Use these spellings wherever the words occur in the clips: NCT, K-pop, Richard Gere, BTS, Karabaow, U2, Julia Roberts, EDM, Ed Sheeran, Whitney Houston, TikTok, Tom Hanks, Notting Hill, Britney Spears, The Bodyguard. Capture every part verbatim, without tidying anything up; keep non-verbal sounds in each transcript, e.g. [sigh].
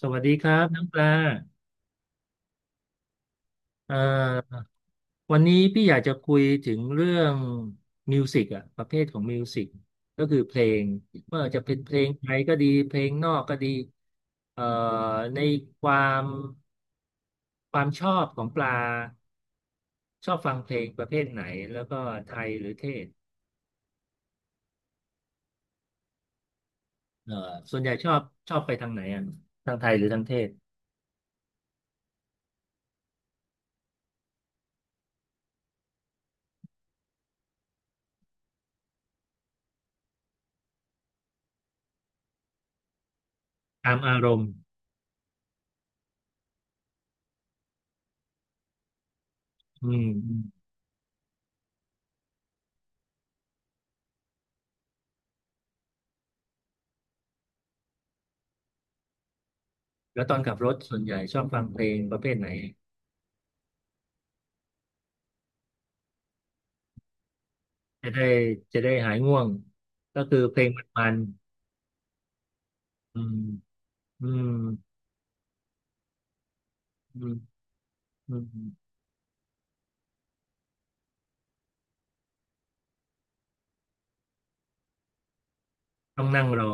สวัสดีครับน้องปลาเอ่อวันนี้พี่อยากจะคุยถึงเรื่องมิวสิกอะประเภทของมิวสิกก็คือเพลงไม่ว่าจะเป็นเพลงไทยก็ดีเพลงนอกก็ดีเอ่อในความความชอบของปลาชอบฟังเพลงประเภทไหนแล้วก็ไทยหรือเทศเอ่อส่วนใหญ่ชอบชอบไปทางไหนอ่ะทางไทยหรือทางเทศตามอารมณ์อืมอืมแล้วตอนขับรถส่วนใหญ่ชอบฟังเพลงประเภทไหน จะได้จะได้หายง่วงก็คือเพลงมันๆอืมอืมอืมอืมต้องนั่งรอ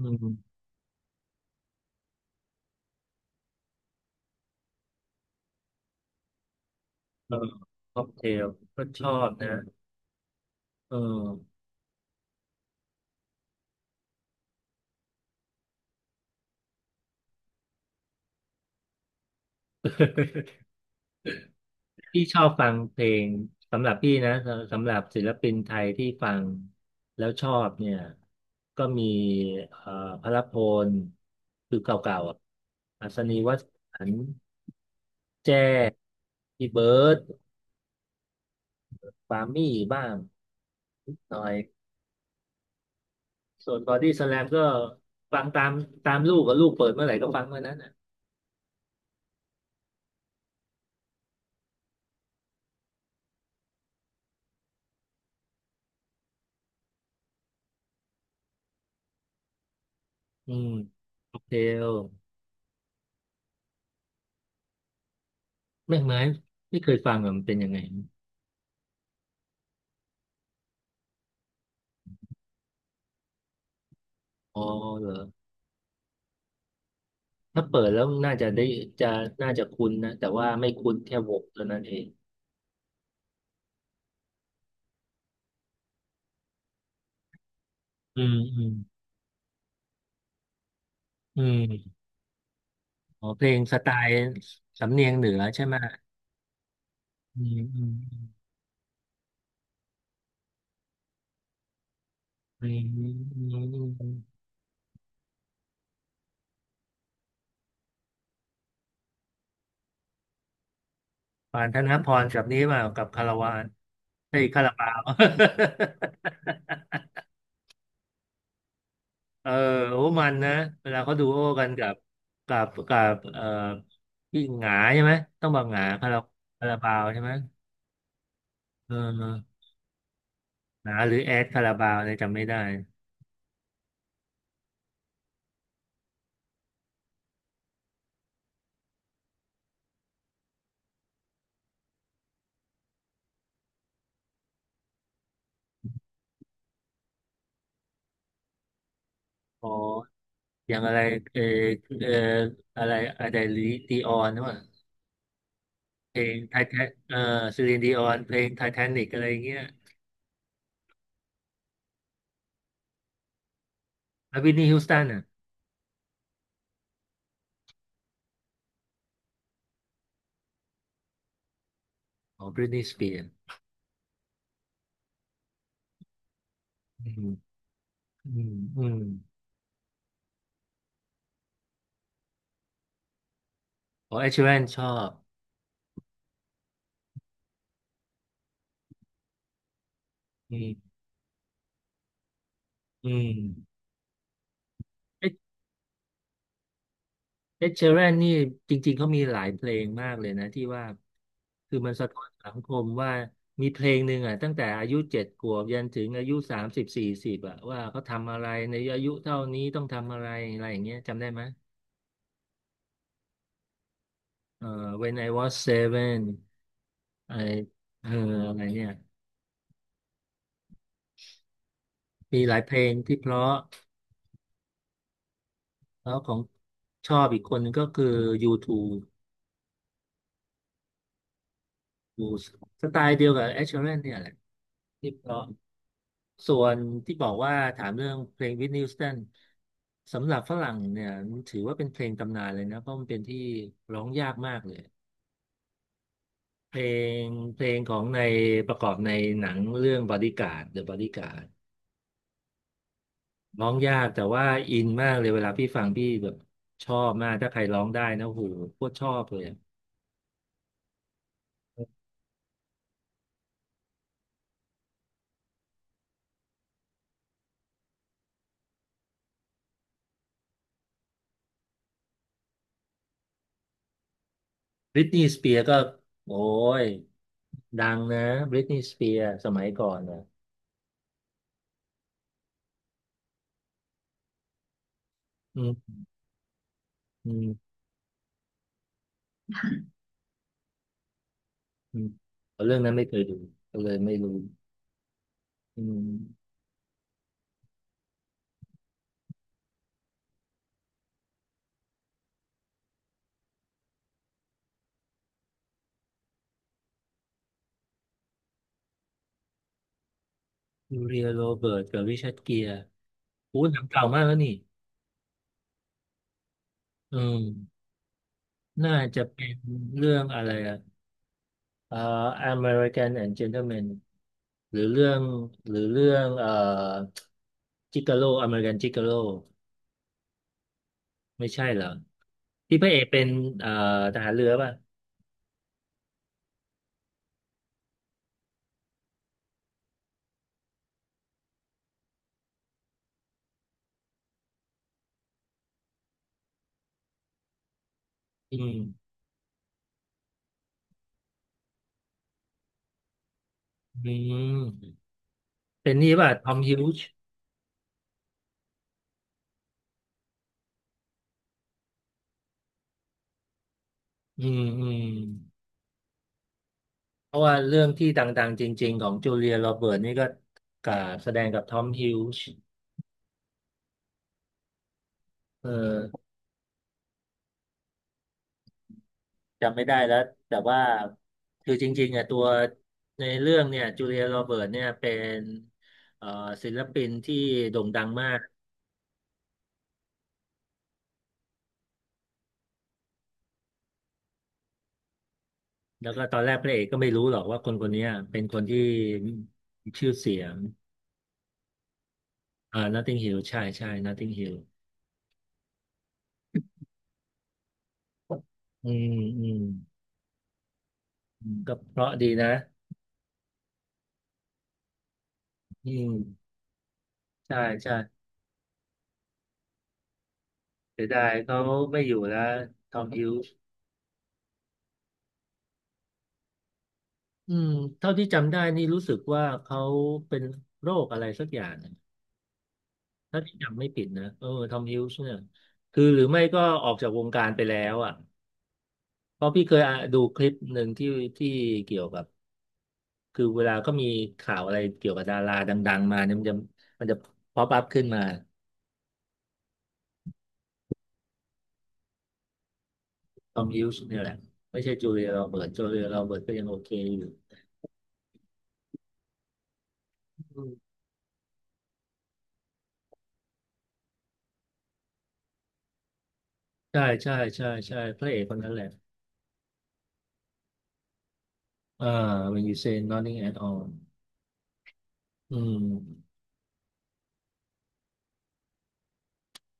อืมเออค็อกเทลก็ชอบนะเออ [laughs] พี่ชอบฟังเพลงสำหรับพี่นะสำสำหรับศิลปินไทยที่ฟังแล้วชอบเนี่ยก็มีเอ่อพหลพลคือเก่าๆอ่ะอัศนีวสันต์แจ้พี่เบิร์ดปามี่บ้างนิดหน่อย ส่วนบอดี้สแลมก็ฟังตามตามลูกกับลูกเปิดเมื่อไหร่ก็ฟังเมื่อนั้นน่ะอืมโอเคเออแม่กไม้ไม่เคยฟังอ่ะมันเป็นยังไงอ๋อเหรอถ้าเปิดแล้วน่าจะได้จะน่าจะคุ้นนะแต่ว่าไม่คุ้นแค่วงเท่านั้นเองอืมอืมอืมอ๋อเพลงสไตล์สำเนียงเหนือใช่ไหมอืมอืมอืมอืมอืมอืมอืมปานธนพรกับนี้มากับคาราวานเฮ้ยคาราบาว เออโอ้มันนะเวลาเขาดูโอ้กันกับกับกับเอ่อพี่หงาใช่ไหมต้องบอกหงาคาราคาราบาวใช่ไหมเออหงาหรือแอดคาราบาวเนี่ยจำไม่ได้อ๋ออย่างอะไรเออเอออะไรอะไรลีดีออนว่าเพลงไททานเออซีลินดีออนเพลงไททานิกอะไรอย่างเงี้ยแล้วบริทนีฮิวสตันอ่ะอ๋อบริทนีสเปียร์อืมอืมอืมอ๋อเอชแวนชอบอืมอืม เอ็ดเชแรนนี่จริงๆเขามีหลายเพลงมากเลยนะที่ว่าคือมันสะท้อนสังคมว่ามีเพลงหนึ่งอ่ะตั้งแต่อายุเจ็ดขวบยันถึงอายุสามสิบสี่สิบอ่ะว่าเขาทำอะไรในอายุเท่านี้ต้องทำอะไรอะไรอย่างเงี้ยจำได้ไหมเอ่อ When I was seven ไอเอออะไรเนี่ยมีหลายเพลงที่เพราะแล้วของชอบอีกคนนึงก็คือ ยู ทู ดูสไตล์เดียวกับแอชเชอรแลนเนี่ยแหละที่เพราะส่วนที่บอกว่าถามเรื่องเพลงวิทนีย์ฮูสตันสำหรับฝรั่งเนี่ยมันถือว่าเป็นเพลงตำนานเลยนะเพราะมันเป็นที่ร้องยากมากเลยเพลงเพลงของในประกอบในหนังเรื่องบอดี้การ์ด The Bodyguard ร้องยากแต่ว่าอินมากเลยเวลาพี่ฟังพี่แบบชอบมากถ้าใครร้องได้นะโหโคตรชอบเลยบริตนีย์สเปียร์ก็โอ้ยดังนะบริตนีย์สเปียร์สมัยก่อนนะ อืมอืมอืมเอาเรื่องนั้นไม่เคยดูก็เลยไม่รู้อืมยูเรียโรเบิร์ตกับริชาร์ดเกียร์โอู้หนังเก่ามากแล้วนี่อืมน่าจะเป็นเรื่องอะไรอะเอ่อ American and Gentleman หรือเรื่องหรือเรื่องเอ่อจิกาโลอเมริกันจิกาโลไม่ใช่เหรอที่พระเอกเป็นเอ่อทหารเรือป่ะอืมอืมเป็นนี่ป่ะทอมฮิวจ์อืมอืม เพราะว่าเรื่องที่ต่างๆจริงๆของจูเลียโรเบิร์ตนี่ก็กับแสดงกับทอมฮิลจ์เออจำไม่ได้แล้วแต่ว่าคือจริงๆอ่ะตัวในเรื่องเนี่ยจูเลียโรเบิร์ตเนี่ยเป็นเอ่อศิลปินที่โด่งดังมากแล้วก็ตอนแรกพระเอกก็ไม่รู้หรอกว่าคนคนเนี้ยเป็นคนที่มีชื่อเสียงอ่า Notting Hill ใช่ใช่ Notting Hill อืมอืมอืมก็เพราะดีนะอืมใช่ใช่ เสียดายเขาไม่อยู่แล้วทอมฮิวส์อืมเท่าที่จำได้นี่รู้สึกว่าเขาเป็นโรคอะไรสักอย่างนะถ้าที่จำไม่ผิดนะเออทอมฮิวส์เนี่ยคือหรือไม่ก็ออกจากวงการไปแล้วอ่ะเพราะพี่เคยอ่ะดูคลิปหนึ่งที่ที่เกี่ยวกับคือเวลาก็มีข่าวอะไรเกี่ยวกับดาราดังๆมาเนี่ยมันจะมันจะป๊อปอัพขึ้นมาทอมฮิวส์เนี่ยแหละไม่ใช่จูเลียโรเบิร์ตจูเลียโรเบิร์ตก็ยังโอเคอยู่อืมใช่ใช่ใช่ใช่พระเอกคนนั้นแหละ อ่า when you say nothing at all อืม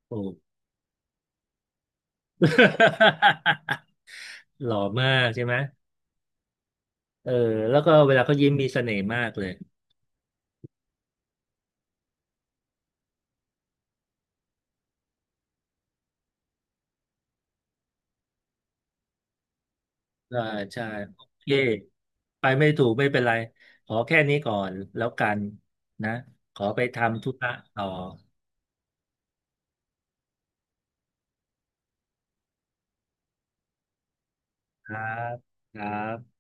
โอ้ [laughs] หล่อมากใช่ไหมเออแล้วก็เวลาเขายิ้มมีเสน่ห์มากเลยอ่าใช่โอเคไปไม่ถูกไม่เป็นไรขอแค่นี้ก่อนแล้วกันนะขอไปทำธุระต่อครับครับ